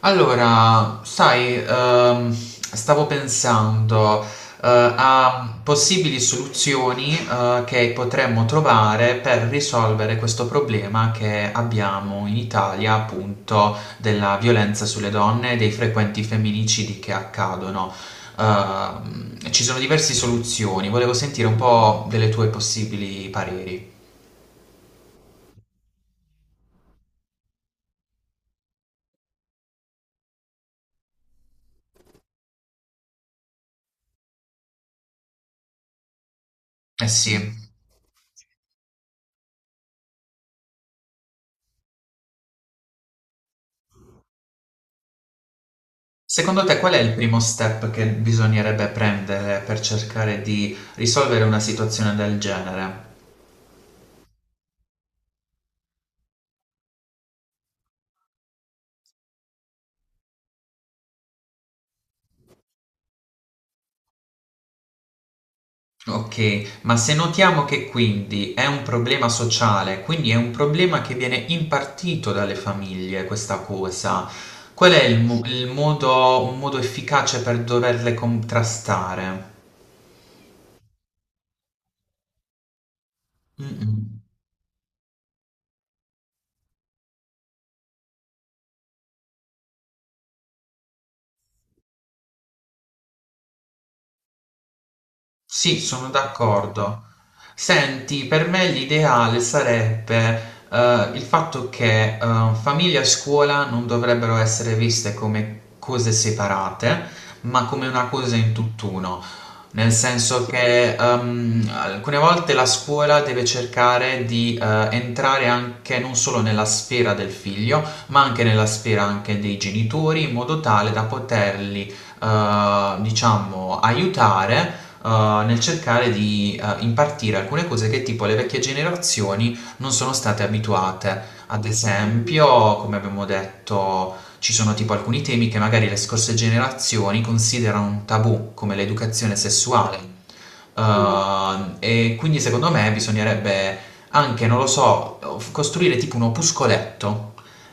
Allora, sai, stavo pensando, a possibili soluzioni, che potremmo trovare per risolvere questo problema che abbiamo in Italia, appunto, della violenza sulle donne e dei frequenti femminicidi che accadono. Ci sono diverse soluzioni, volevo sentire un po' delle tue possibili pareri. Eh sì. Secondo te qual è il primo step che bisognerebbe prendere per cercare di risolvere una situazione del genere? Ok, ma se notiamo che quindi è un problema sociale, quindi è un problema che viene impartito dalle famiglie questa cosa, qual è il, il modo, un modo efficace per doverle contrastare? Mm-mm. Sì, sono d'accordo. Senti, per me l'ideale sarebbe il fatto che famiglia e scuola non dovrebbero essere viste come cose separate, ma come una cosa in tutt'uno. Nel senso sì, che alcune volte la scuola deve cercare di entrare anche non solo nella sfera del figlio, ma anche nella sfera anche dei genitori, in modo tale da poterli, diciamo, aiutare nel cercare di impartire alcune cose che tipo le vecchie generazioni non sono state abituate. Ad esempio, come abbiamo detto, ci sono tipo alcuni temi che magari le scorse generazioni considerano un tabù, come l'educazione sessuale. Mm. E quindi secondo me bisognerebbe anche, non lo so, costruire tipo un opuscoletto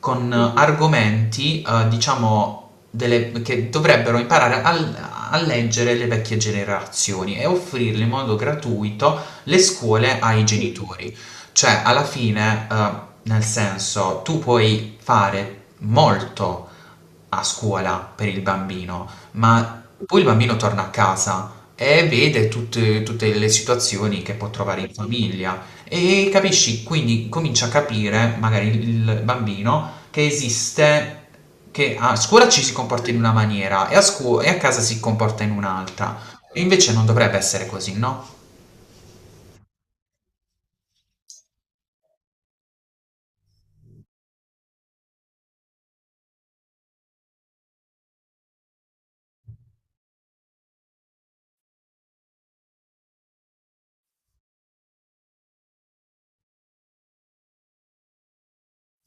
con argomenti, diciamo, che dovrebbero imparare a leggere le vecchie generazioni e offrirle in modo gratuito le scuole ai genitori. Cioè, alla fine, nel senso, tu puoi fare molto a scuola per il bambino, ma poi il bambino torna a casa e vede tutte le situazioni che può trovare in famiglia. E capisci, quindi comincia a capire, magari il bambino, che esiste, che a scuola ci si comporta in una maniera e a, e a casa si comporta in un'altra. E invece non dovrebbe essere così, no?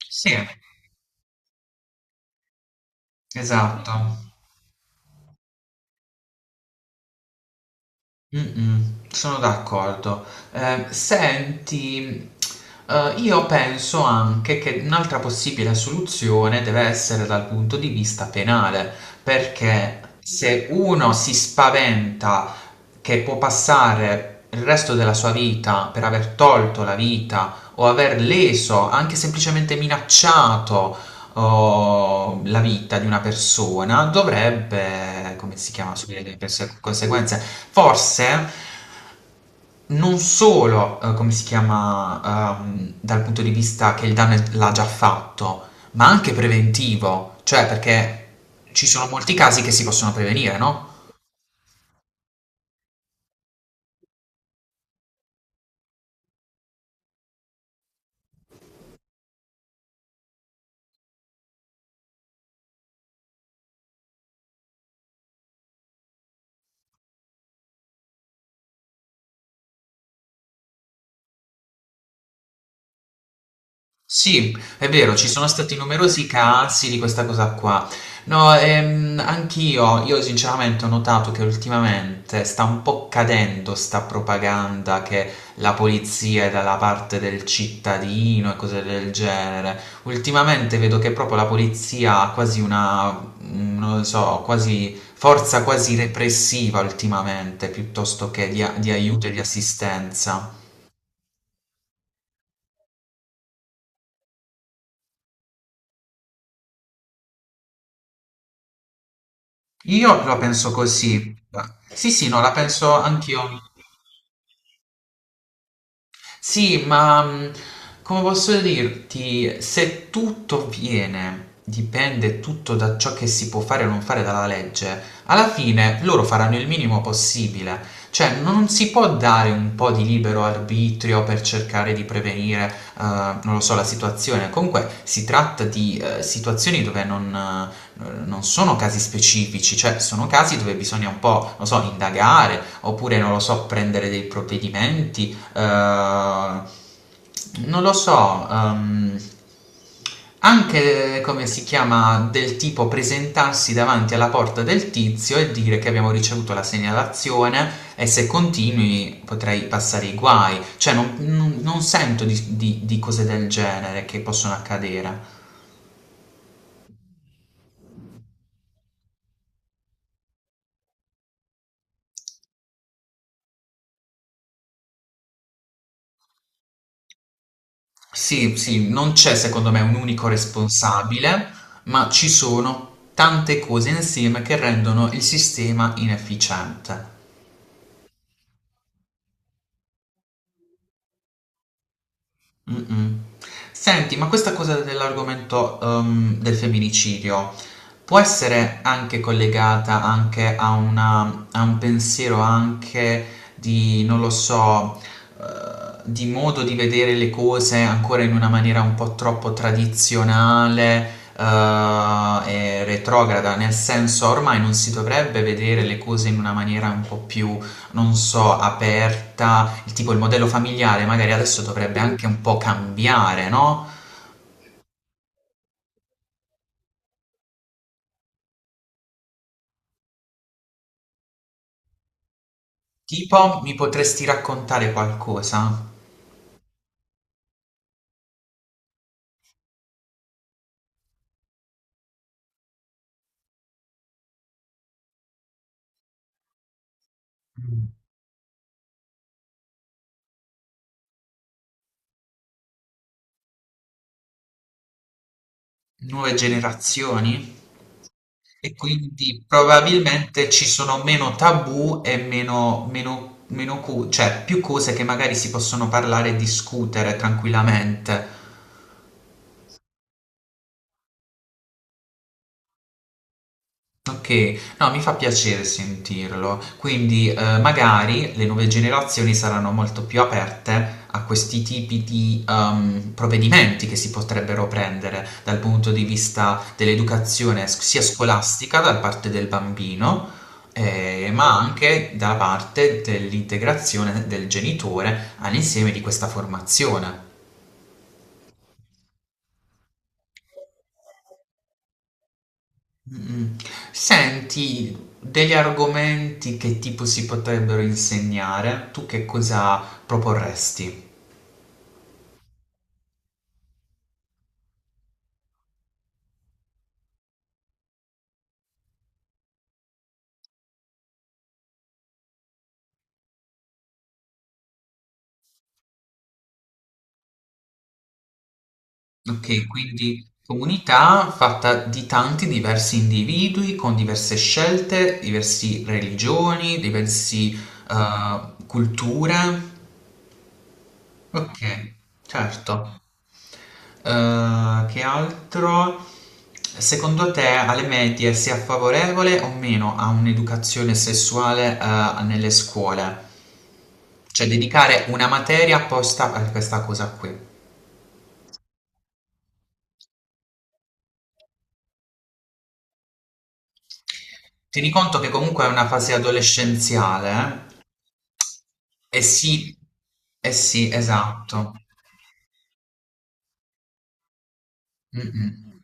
Sì. Esatto. Mh-mh, sono d'accordo. Senti, io penso anche che un'altra possibile soluzione deve essere dal punto di vista penale, perché se uno si spaventa che può passare il resto della sua vita per aver tolto la vita o aver leso, anche semplicemente minacciato o la vita di una persona dovrebbe, come si chiama, subire conseguenze. Forse non solo, come si chiama, dal punto di vista che l'ha già fatto, ma anche preventivo, cioè perché ci sono molti casi che si possono prevenire, no? Sì, è vero, ci sono stati numerosi casi di questa cosa qua. No, anch'io, io sinceramente ho notato che ultimamente sta un po' cadendo sta propaganda che la polizia è dalla parte del cittadino e cose del genere. Ultimamente vedo che proprio la polizia ha quasi una, mm, non lo so, quasi forza quasi repressiva ultimamente, piuttosto che di, di aiuto e di assistenza. Io la penso così. Sì, sì, no, la penso anch'io. Sì, ma come posso dirti, se tutto viene, dipende tutto da ciò che si può fare o non fare dalla legge, alla fine loro faranno il minimo possibile. Cioè, non si può dare un po' di libero arbitrio per cercare di prevenire, non lo so, la situazione. Comunque si tratta di situazioni dove non, non sono casi specifici, cioè sono casi dove bisogna un po', non so, indagare, oppure, non lo so, prendere dei provvedimenti eh, non lo so, anche come si chiama del tipo presentarsi davanti alla porta del tizio e dire che abbiamo ricevuto la segnalazione e se continui potrei passare i guai, cioè non, non sento di, di cose del genere che possono accadere. Sì, sì, non c'è secondo me un unico responsabile, ma ci sono tante cose insieme che rendono il sistema inefficiente. Mm-mm. Senti, ma questa cosa dell'argomento del femminicidio può essere anche collegata anche a, a un pensiero anche di, non lo so, di modo di vedere le cose ancora in una maniera un po' troppo tradizionale, e retrograda, nel senso ormai non si dovrebbe vedere le cose in una maniera un po' più non so, aperta, il tipo il modello familiare magari adesso dovrebbe anche un po' cambiare, no? Tipo, mi potresti raccontare qualcosa? Nuove generazioni? E quindi probabilmente ci sono meno tabù e meno, meno, meno cioè più cose che magari si possono parlare e discutere tranquillamente. Okay. No, mi fa piacere sentirlo. Quindi, magari le nuove generazioni saranno molto più aperte a questi tipi di, provvedimenti che si potrebbero prendere dal punto di vista dell'educazione s sia scolastica da parte del bambino, ma anche da parte dell'integrazione del genitore all'insieme di questa formazione. Mm. Senti, degli argomenti che tipo si potrebbero insegnare, tu che cosa proporresti? Ok, quindi comunità fatta di tanti diversi individui con diverse scelte, diverse religioni, diverse culture. Ok, certo. Che altro? Secondo te alle medie sia favorevole o meno a un'educazione sessuale, nelle scuole? Cioè dedicare una materia apposta a questa cosa qui. Tieni conto che comunque è una fase adolescenziale, eh? Eh sì, eh sì, esatto. Mm-mm.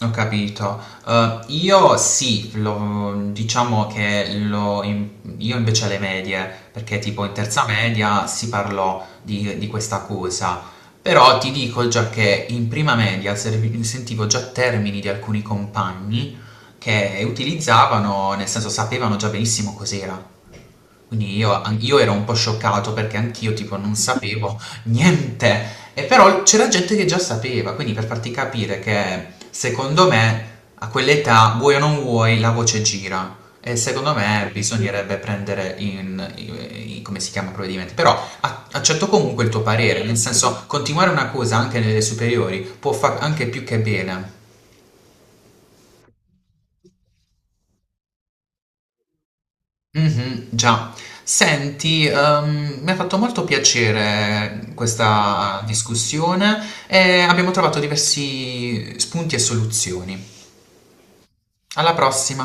Ho capito. Io sì, diciamo che lo, io invece alle medie, perché tipo in terza media si parlò di questa cosa, però ti dico già che in prima media sentivo già termini di alcuni compagni che utilizzavano, nel senso sapevano già benissimo cos'era. Quindi io, io ero un po' scioccato perché anch'io tipo non sapevo niente. E però c'era gente che già sapeva, quindi per farti capire che secondo me a quell'età, vuoi o non vuoi, la voce gira. E secondo me bisognerebbe prendere in, come si chiama, provvedimenti. Però accetto comunque il tuo parere, nel senso continuare una cosa anche nelle superiori può fare anche più che bene. Mh-mh, già. Senti, mi ha fatto molto piacere questa discussione e abbiamo trovato diversi spunti e soluzioni. Alla prossima!